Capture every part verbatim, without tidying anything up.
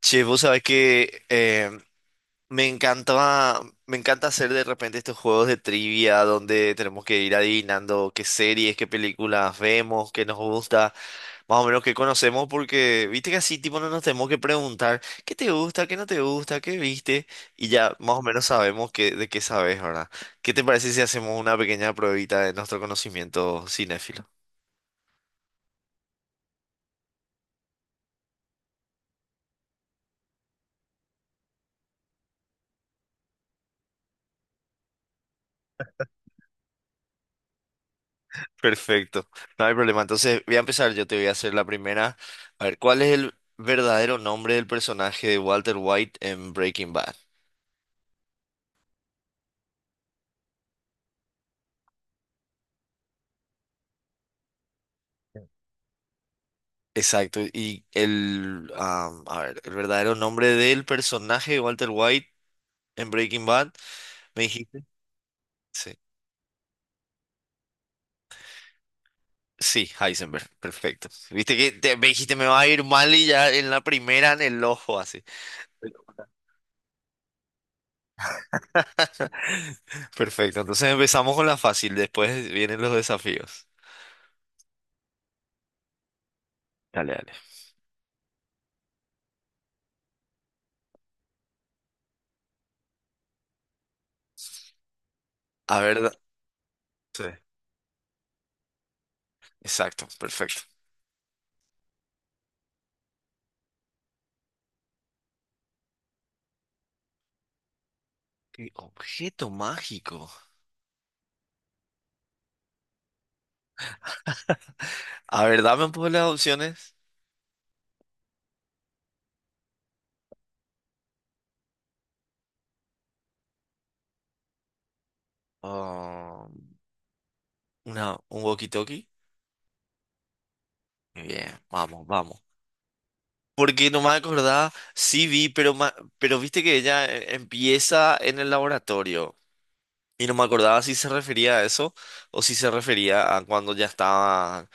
Che, vos sabés que eh, me encantaba, me encanta hacer de repente estos juegos de trivia donde tenemos que ir adivinando qué series, qué películas vemos, qué nos gusta, más o menos qué conocemos, porque viste que así tipo no nos tenemos que preguntar qué te gusta, qué no te gusta, qué viste, y ya más o menos sabemos qué, de qué sabes, ¿verdad? ¿Qué te parece si hacemos una pequeña pruebita de nuestro conocimiento cinéfilo? Perfecto, no hay problema. Entonces voy a empezar, yo te voy a hacer la primera. A ver, ¿cuál es el verdadero nombre del personaje de Walter White en Breaking Bad? Exacto, y el, am, a ver, el verdadero nombre del personaje de Walter White en Breaking Bad, ¿me dijiste? Sí, sí, Heisenberg, perfecto. Viste que te- me dijiste me va a ir mal y ya en la primera en el ojo así. Perfecto, entonces empezamos con la fácil, después vienen los desafíos. Dale, dale. A ver, sí, exacto, perfecto. ¿Qué objeto mágico? A ver, dame un poco las opciones. Ah, una, un walkie-talkie. Muy bien, vamos, vamos. Porque no me acordaba, sí vi, pero, ma- pero viste que ella eh, empieza en el laboratorio. Y no me acordaba si se refería a eso o si se refería a cuando ya estaba,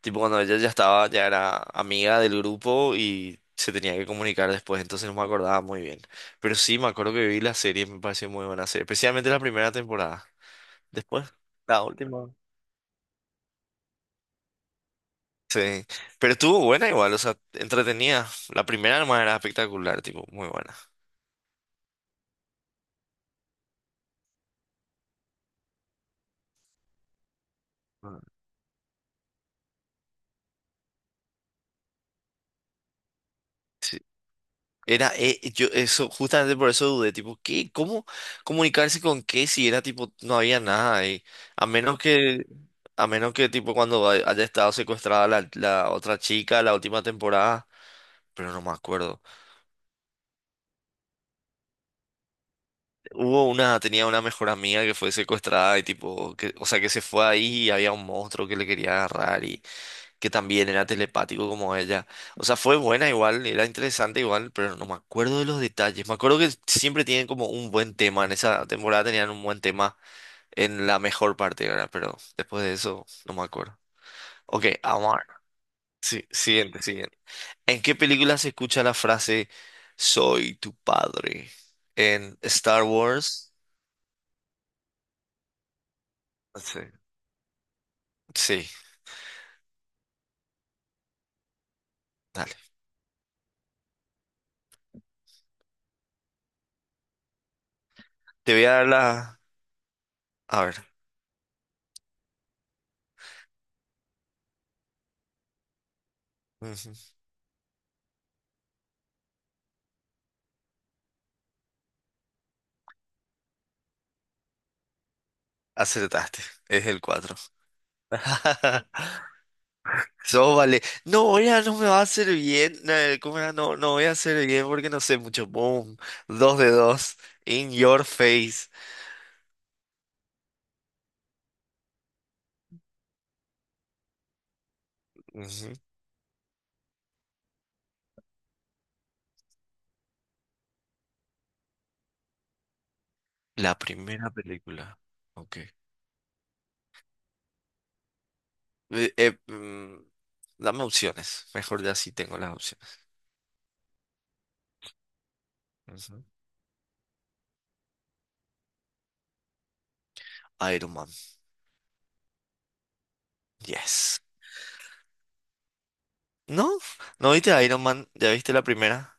tipo cuando ella ya estaba, ya era amiga del grupo y se tenía que comunicar después, entonces no me acordaba muy bien. Pero sí, me acuerdo que vi la serie, me pareció muy buena serie, especialmente la primera temporada. Después, la última. Sí, pero estuvo buena igual, o sea, entretenida. La primera nomás era espectacular, tipo, muy buena. Ah. Sí. Era, eh, yo, eso, justamente por eso dudé, tipo, ¿qué? ¿Cómo comunicarse con qué si era, tipo, no había nada ahí? A menos que, a menos que, tipo, cuando hay- haya estado secuestrada la, la otra chica la última temporada, pero no me acuerdo. Hubo una, tenía una mejor amiga que fue secuestrada y, tipo, que, o sea, que se fue ahí y había un monstruo que le quería agarrar que también era telepático como ella. O sea, fue buena igual, era interesante igual, pero no me acuerdo de los detalles. Me acuerdo que siempre tienen como un buen tema, en esa temporada tenían un buen tema en la mejor parte, ¿verdad? Pero después de eso, no me acuerdo. Ok, Amar. Sí, siguiente, siguiente. ¿En qué película se escucha la frase Soy tu padre? ¿En Star Wars? Sí. Sí, dale. Te voy a dar la... A ver. Ujú. Acertaste. Es el cuatro. Sóbale. No, ya no me va a hacer bien. eh, ¿Cómo era? No, no voy a hacer bien porque no sé mucho. Boom. Dos de dos. In your face. Ujú. La primera película. Ok. Eh, eh, mm, Dame opciones. Mejor ya sí tengo las opciones. Ujú. Iron Man. Yes. ¿No? ¿No viste Iron Man? ¿Ya viste la primera?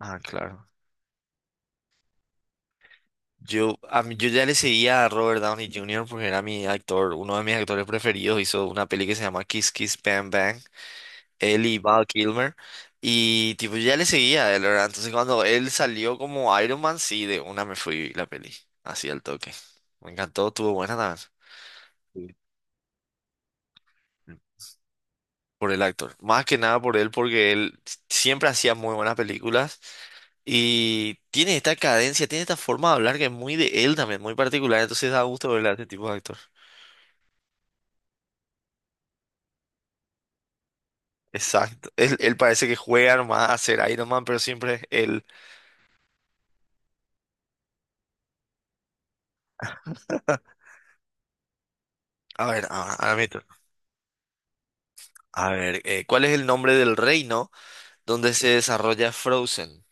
Ah, claro. Yo, a mí- yo ya le seguía a Robert Downey júnior porque era mi actor, uno de mis actores preferidos. Hizo una peli que se llama Kiss Kiss Bang Bang. Él y Val Kilmer. Y tipo, yo ya le seguía a él, ¿verdad? Entonces cuando él salió como Iron Man, sí, de una me fui la peli. Así al toque. Me encantó, estuvo buena también. Sí. Por el actor. Más que nada por él, porque él siempre hacía muy buenas películas. Y tiene esta cadencia, tiene esta forma de hablar que es muy de él también, muy particular. Entonces da gusto verle a este tipo de actor. Exacto. Él, él parece que juega nomás a ser Iron Man, pero siempre es él. A ver, ahora, ahora mi turno. A ver, eh, ¿cuál es el nombre del reino donde se desarrolla Frozen?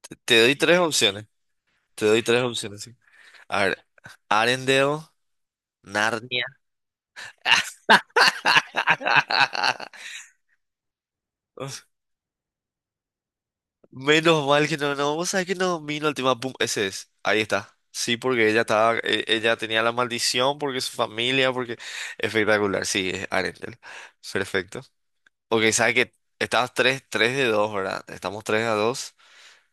Te, te doy tres opciones. Te doy tres opciones, sí. A ver, Arendelle, Narnia. Uf, menos mal que no, no, vos sabés que no domino el tema, pum, ese es, ahí está. Sí, porque ella estaba, e- ella tenía la maldición, porque su familia, porque espectacular, sí, es Arendelle. Perfecto. Ok, sabes que estabas tres. Tres de dos, ¿verdad? Estamos tres a dos.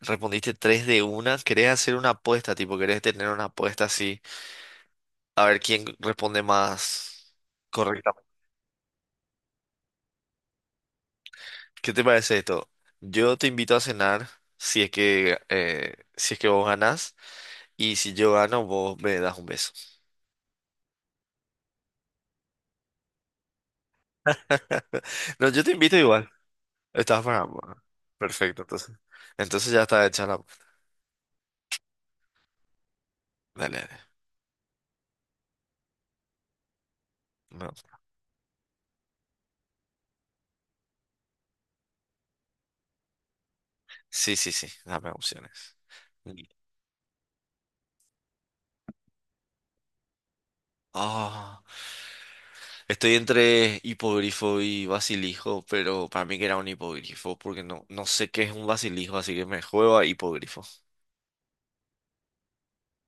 Respondiste tres de una. ¿Querés hacer una apuesta, tipo, querés tener una apuesta así? A ver quién responde más correctamente. ¿Qué te parece esto? Yo te invito a cenar si es que eh, si es que vos ganás y si yo gano vos me das un beso. No, yo te invito igual. Estás para ambos. ¿No? Perfecto, entonces. Entonces ya está hecha la. Dale, dale. No. Sí, sí, sí. Dame opciones. Y- Ah, estoy entre hipogrifo y basilijo, pero para mí que era un hipogrifo, porque no, no sé qué es un basilijo, así que me juego a hipogrifo.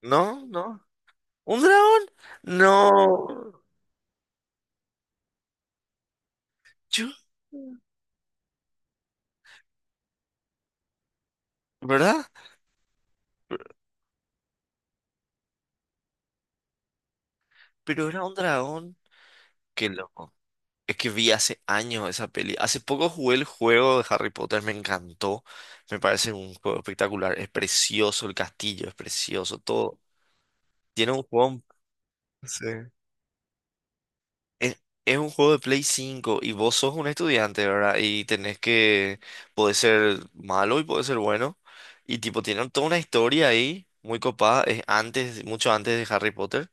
No, no. ¿Un dragón? No. Yo, ¿verdad? Pero, pero era un dragón. Qué loco. Es que vi hace años esa peli. Hace poco jugué el juego de Harry Potter, me encantó. Me parece un juego espectacular. Es precioso el castillo, es precioso todo. Tiene un juego. Sí. Es, es un juego de Play cinco y vos sos un estudiante, ¿verdad? Y tenés que, puede ser malo y puede ser bueno. Y tipo, tienen toda una historia ahí, muy copada, es antes, mucho antes de Harry Potter.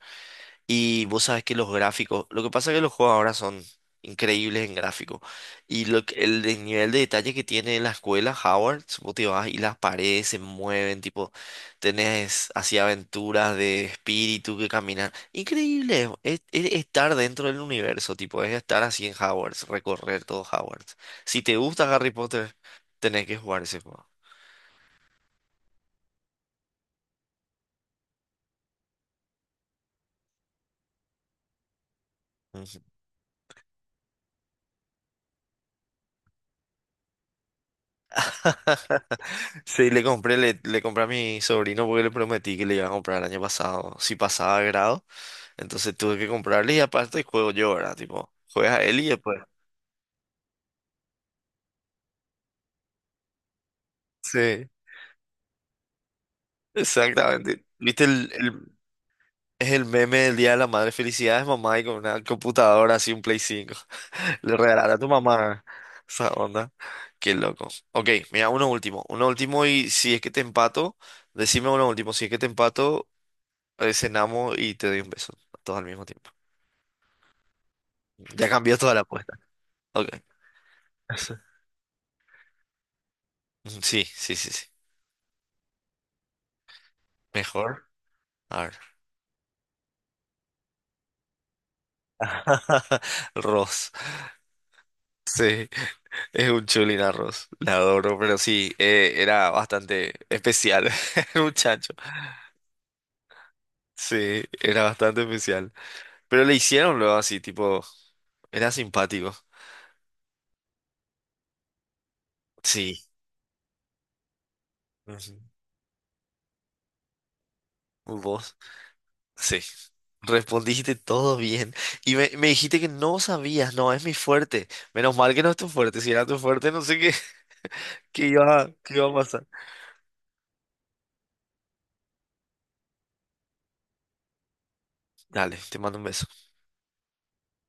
Y vos sabes que los gráficos, lo que pasa es que los juegos ahora son increíbles en gráficos. Y lo que- el, de- nivel de detalle que tiene la escuela, Howard, vos te vas y las paredes se mueven, tipo, tenés así aventuras de espíritu que caminan. Increíble, es, es estar dentro del universo, tipo, es estar así en Howard, recorrer todo Howard. Si te gusta Harry Potter, tenés que jugar ese juego. Ujú. Sí, le compré, le, le compré a mi sobrino porque le prometí que le iba a comprar el año pasado, si pasaba grado, entonces tuve que comprarle y aparte juego yo, ¿verdad? Tipo, juegas a él y después. Sí, exactamente. ¿Viste el, el- es el meme del Día de la Madre? Felicidades, mamá, y con una computadora así, un Play cinco. Le regalará a tu mamá esa onda. Qué loco. Ok, mira, uno último, uno último y si es que te empato, decime uno último, si es que te empato, eh, cenamos y te doy un beso, todo al mismo tiempo. Ya cambió toda la apuesta. Ok. Sí, sí, sí, sí. Mejor. A ver. Ross. Sí, es un chulín a Ross. La adoro, pero sí, eh, era bastante especial el muchacho. Sí, era bastante especial. Pero le hicieron luego así, tipo, era simpático. Sí. Ujú. ¿Vos? Sí. Respondiste todo bien. Y me, me dijiste que no sabías, no, es mi fuerte. Menos mal que no es tu fuerte. Si era tu fuerte, no sé qué, qué iba, a- qué iba a pasar. Dale, te mando un beso.